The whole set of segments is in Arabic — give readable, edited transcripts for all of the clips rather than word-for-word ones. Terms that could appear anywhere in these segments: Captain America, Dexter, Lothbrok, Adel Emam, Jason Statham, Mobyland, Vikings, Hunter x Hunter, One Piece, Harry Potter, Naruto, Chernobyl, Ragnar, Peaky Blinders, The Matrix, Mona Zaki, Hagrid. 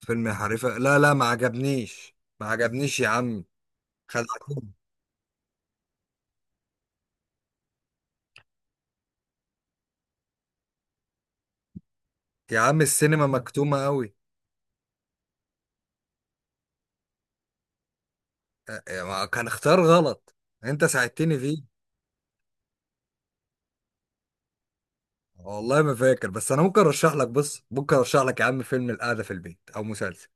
فيلم حريفة، لا لا ما عجبنيش ما عجبنيش يا عم. خدعتني. يا عم السينما مكتومة قوي. كان اختيار غلط. انت ساعدتني فيه. والله ما فاكر، بس انا ممكن ارشح لك، بص، ممكن ارشح لك يا عم فيلم القعدة في البيت او مسلسل.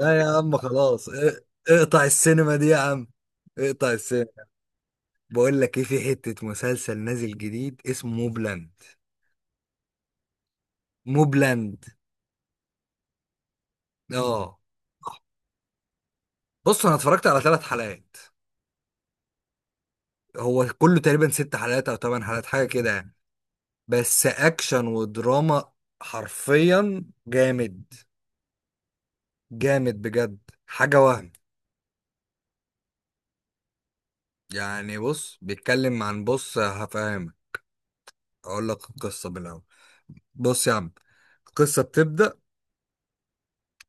لا يا عم خلاص. اقطع السينما دي يا عم. اقطع السينما. بقول لك ايه، في حتة مسلسل نازل جديد اسمه موبلاند. موبلاند، اه. بص انا اتفرجت على ثلاث حلقات. هو كله تقريبا ست حلقات او ثمان حلقات، حاجه كده يعني. بس اكشن ودراما. حرفيا جامد. جامد بجد. حاجة وهم. يعني بص بيتكلم عن، بص هفهمك. اقول لك القصة من الاول. بص يا عم، القصة بتبدأ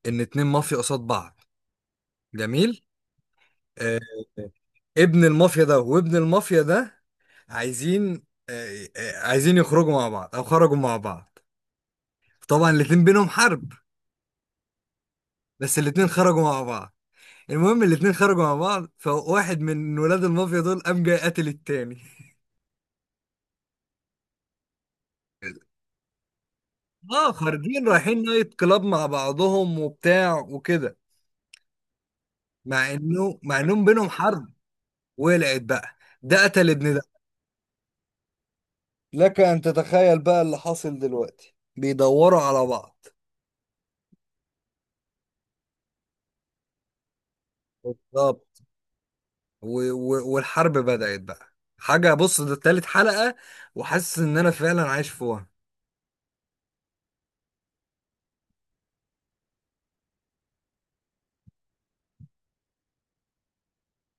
ان اتنين مافيا قصاد بعض. جميل. آه. ابن المافيا ده وابن المافيا ده عايزين، عايزين يخرجوا مع بعض او خرجوا مع بعض. طبعا الاتنين بينهم حرب. بس الاتنين خرجوا مع بعض. المهم الاتنين خرجوا مع بعض، فواحد من ولاد المافيا دول قام جاي قاتل التاني. اه، خارجين رايحين نايت كلاب مع بعضهم وبتاع وكده. مع انهم بينهم حرب. ولعت بقى. ده قتل ابن ده. لك ان تتخيل بقى اللي حاصل دلوقتي، بيدوروا على بعض. بالظبط. والحرب بدأت بقى. حاجة، بص ده تالت حلقة. وحاسس ان انا فعلا عايش في وهم.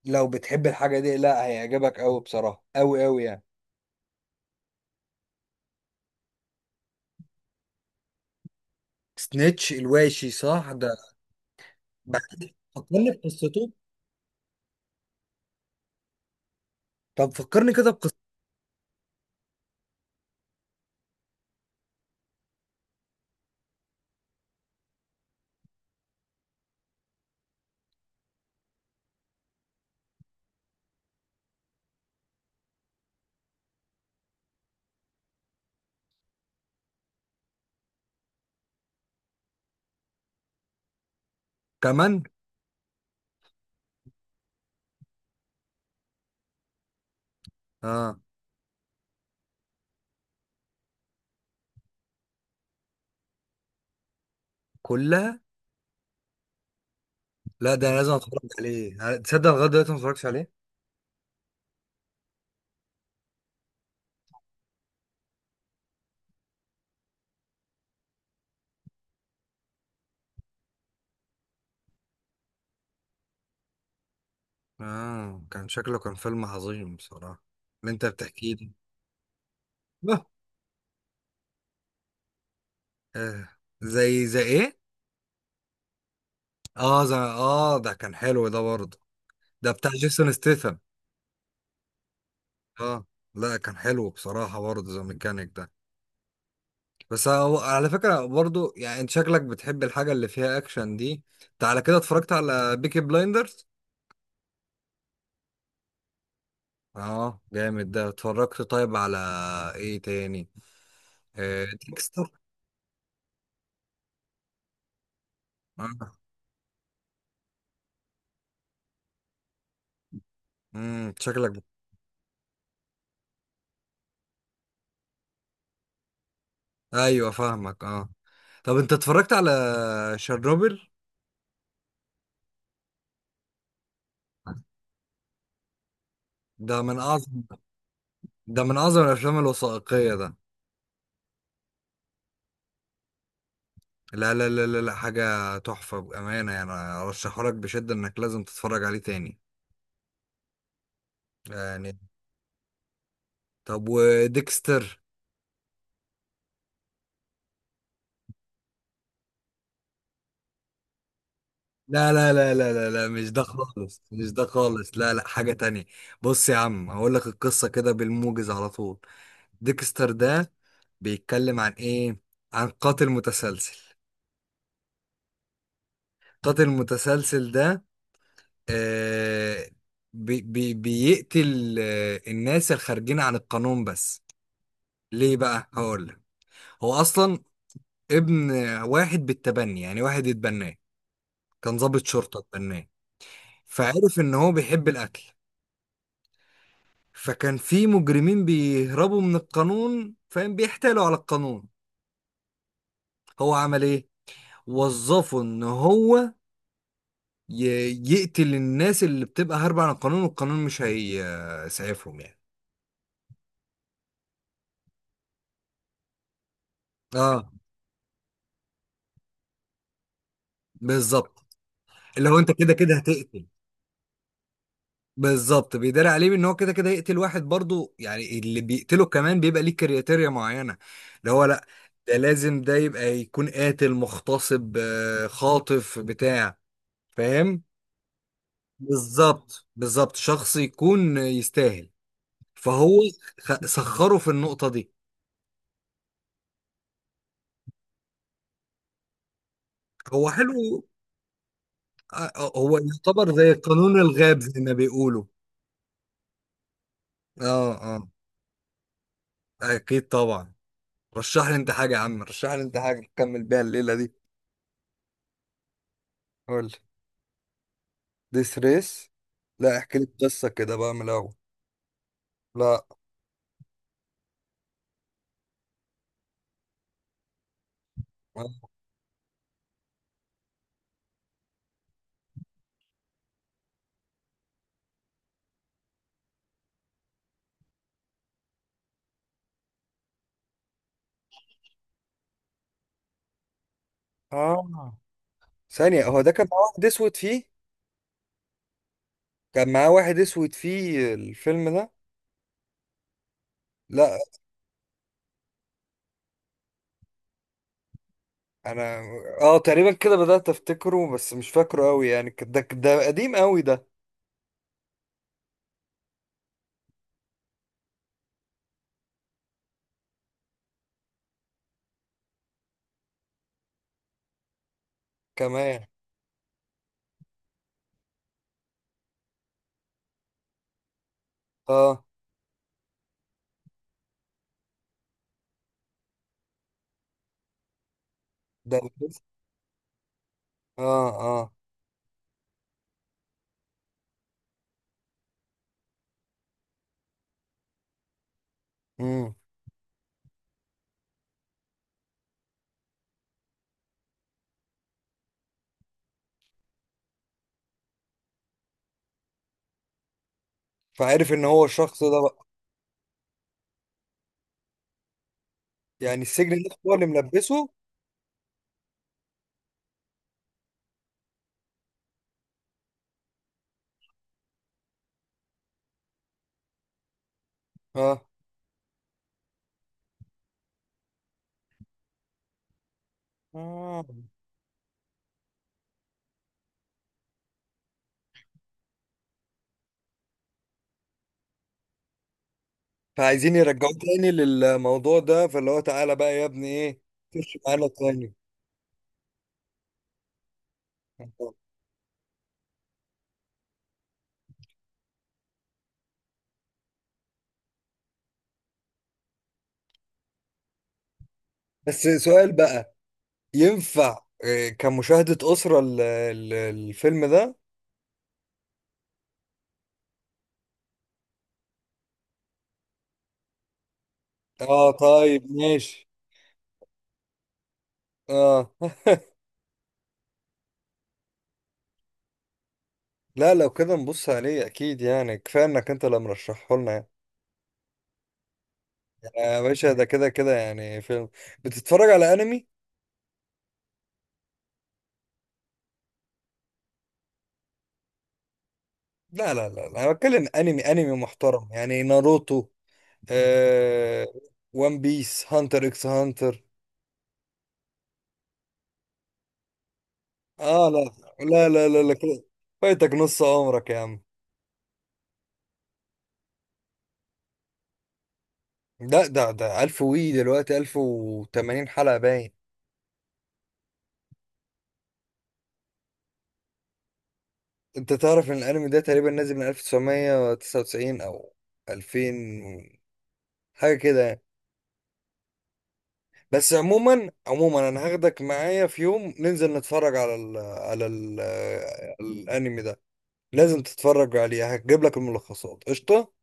لو بتحب الحاجة دي، لا هيعجبك قوي بصراحة، قوي قوي يعني. سنيتش الواشي، صح ده. بحكي فكرني بقصته. طب فكرني كده بقصته. كمان. اه. كلها. لا، ده أنا لازم اتفرج عليه، تصدق لغايه دلوقتي ما اتفرجتش عليه. اه كان شكله كان فيلم عظيم بصراحه. اللي انت بتحكيه ده. آه. آه. زي ايه. اه زي، ده كان حلو ده برضه. ده بتاع جيسون ستيثم. اه. لا كان حلو بصراحه برضه، زي ميكانيك ده. بس هو على فكرة برضو، يعني انت شكلك بتحب الحاجة اللي فيها اكشن دي. انت على كده اتفرجت على بيكي بلايندرز. اه جامد ده. اتفرجت طيب على ايه تاني؟ آه، ديكستر. اه، امم، شكلك. ايوه فاهمك، اه. طب انت اتفرجت على شيرنوبل؟ ده من اعظم. ده من اعظم الافلام الوثائقية ده. لا لا لا لا، لا حاجة تحفة بأمانة يعني. ارشحه لك بشدة، انك لازم تتفرج عليه تاني يعني. طب وديكستر؟ لا لا لا لا لا لا، مش ده خالص، مش ده خالص، لا لا حاجة تانية. بص يا عم، هقول لك القصة كده بالموجز على طول. ديكستر ده بيتكلم عن ايه؟ عن قاتل متسلسل. قاتل متسلسل ده، آه، بي بي بيقتل الناس الخارجين عن القانون بس. ليه بقى؟ هقول لك. هو اصلا ابن واحد بالتبني، يعني واحد اتبناه. كان ضابط شرطة اتبناه. فعرف ان هو بيحب الاكل. فكان في مجرمين بيهربوا من القانون، فاهم، بيحتالوا على القانون. هو عمل ايه؟ وظفه ان هو يقتل الناس اللي بتبقى هاربة عن القانون، والقانون مش هيسعفهم يعني. اه. بالظبط. اللي هو انت كده كده هتقتل. بالظبط، بيداري عليه ان هو كده كده يقتل واحد برضو، يعني اللي بيقتله كمان بيبقى ليه كرياتيريا معينة. اللي هو لا، ده لازم ده يبقى يكون قاتل مغتصب، خاطف بتاع. فاهم. بالظبط بالظبط، شخص يكون يستاهل. فهو سخره في النقطة دي. هو حلو. هو يعتبر زي قانون الغاب، زي ما بيقولوا. اه اه. اكيد طبعا. رشح لي انت حاجة يا عم، رشح لي انت حاجة نكمل بيها الليلة دي. قول لي. ديس ريس. لا احكي لي القصة كده بقى من الأول. لا، اه ثانية، هو ده كان معاه واحد اسود فيه. كان معاه واحد اسود فيه الفيلم ده. لا. انا اه تقريبا كده بدأت افتكره، بس مش فاكره قوي يعني. ده قديم قوي ده. كمان. اه. ده ملبس- اه اه. امم. فعارف ان هو الشخص ده بقى. يعني السجن نفسه هو اللي ملبسه. اه. آه. فعايزين يرجعوه تاني للموضوع ده، فاللي هو تعالى بقى يا ابني ايه. خش معانا تاني. آه. بس سؤال بقى. ينفع كمشاهدة أسرة الفيلم ده؟ اه طيب ماشي. اه. لا لو كده نبص عليه اكيد يعني، كفايه انك انت اللي مرشحه لنا يعني. يا باشا ده كده كده يعني فيلم. بتتفرج على انمي؟ لا لا لا لا، انا بتكلم انمي انمي محترم يعني، ناروتو. آه... وان بيس، هانتر اكس هانتر. اه لا لا لا لا، لا كده. فايتك نص عمرك يا عم. ده 1000 وي دلوقتي 1080 حلقه باين. انت تعرف ان الانمي ده تقريبا نازل من 1999 او 2000، حاجه كده يعني. بس عموما عموما، انا هاخدك معايا في يوم ننزل نتفرج على ال على ال الانمي ده. لازم تتفرج عليه. هجيب لك الملخصات قشطة.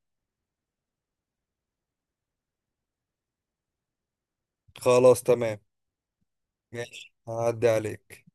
خلاص تمام. ماشي هعدي عليك.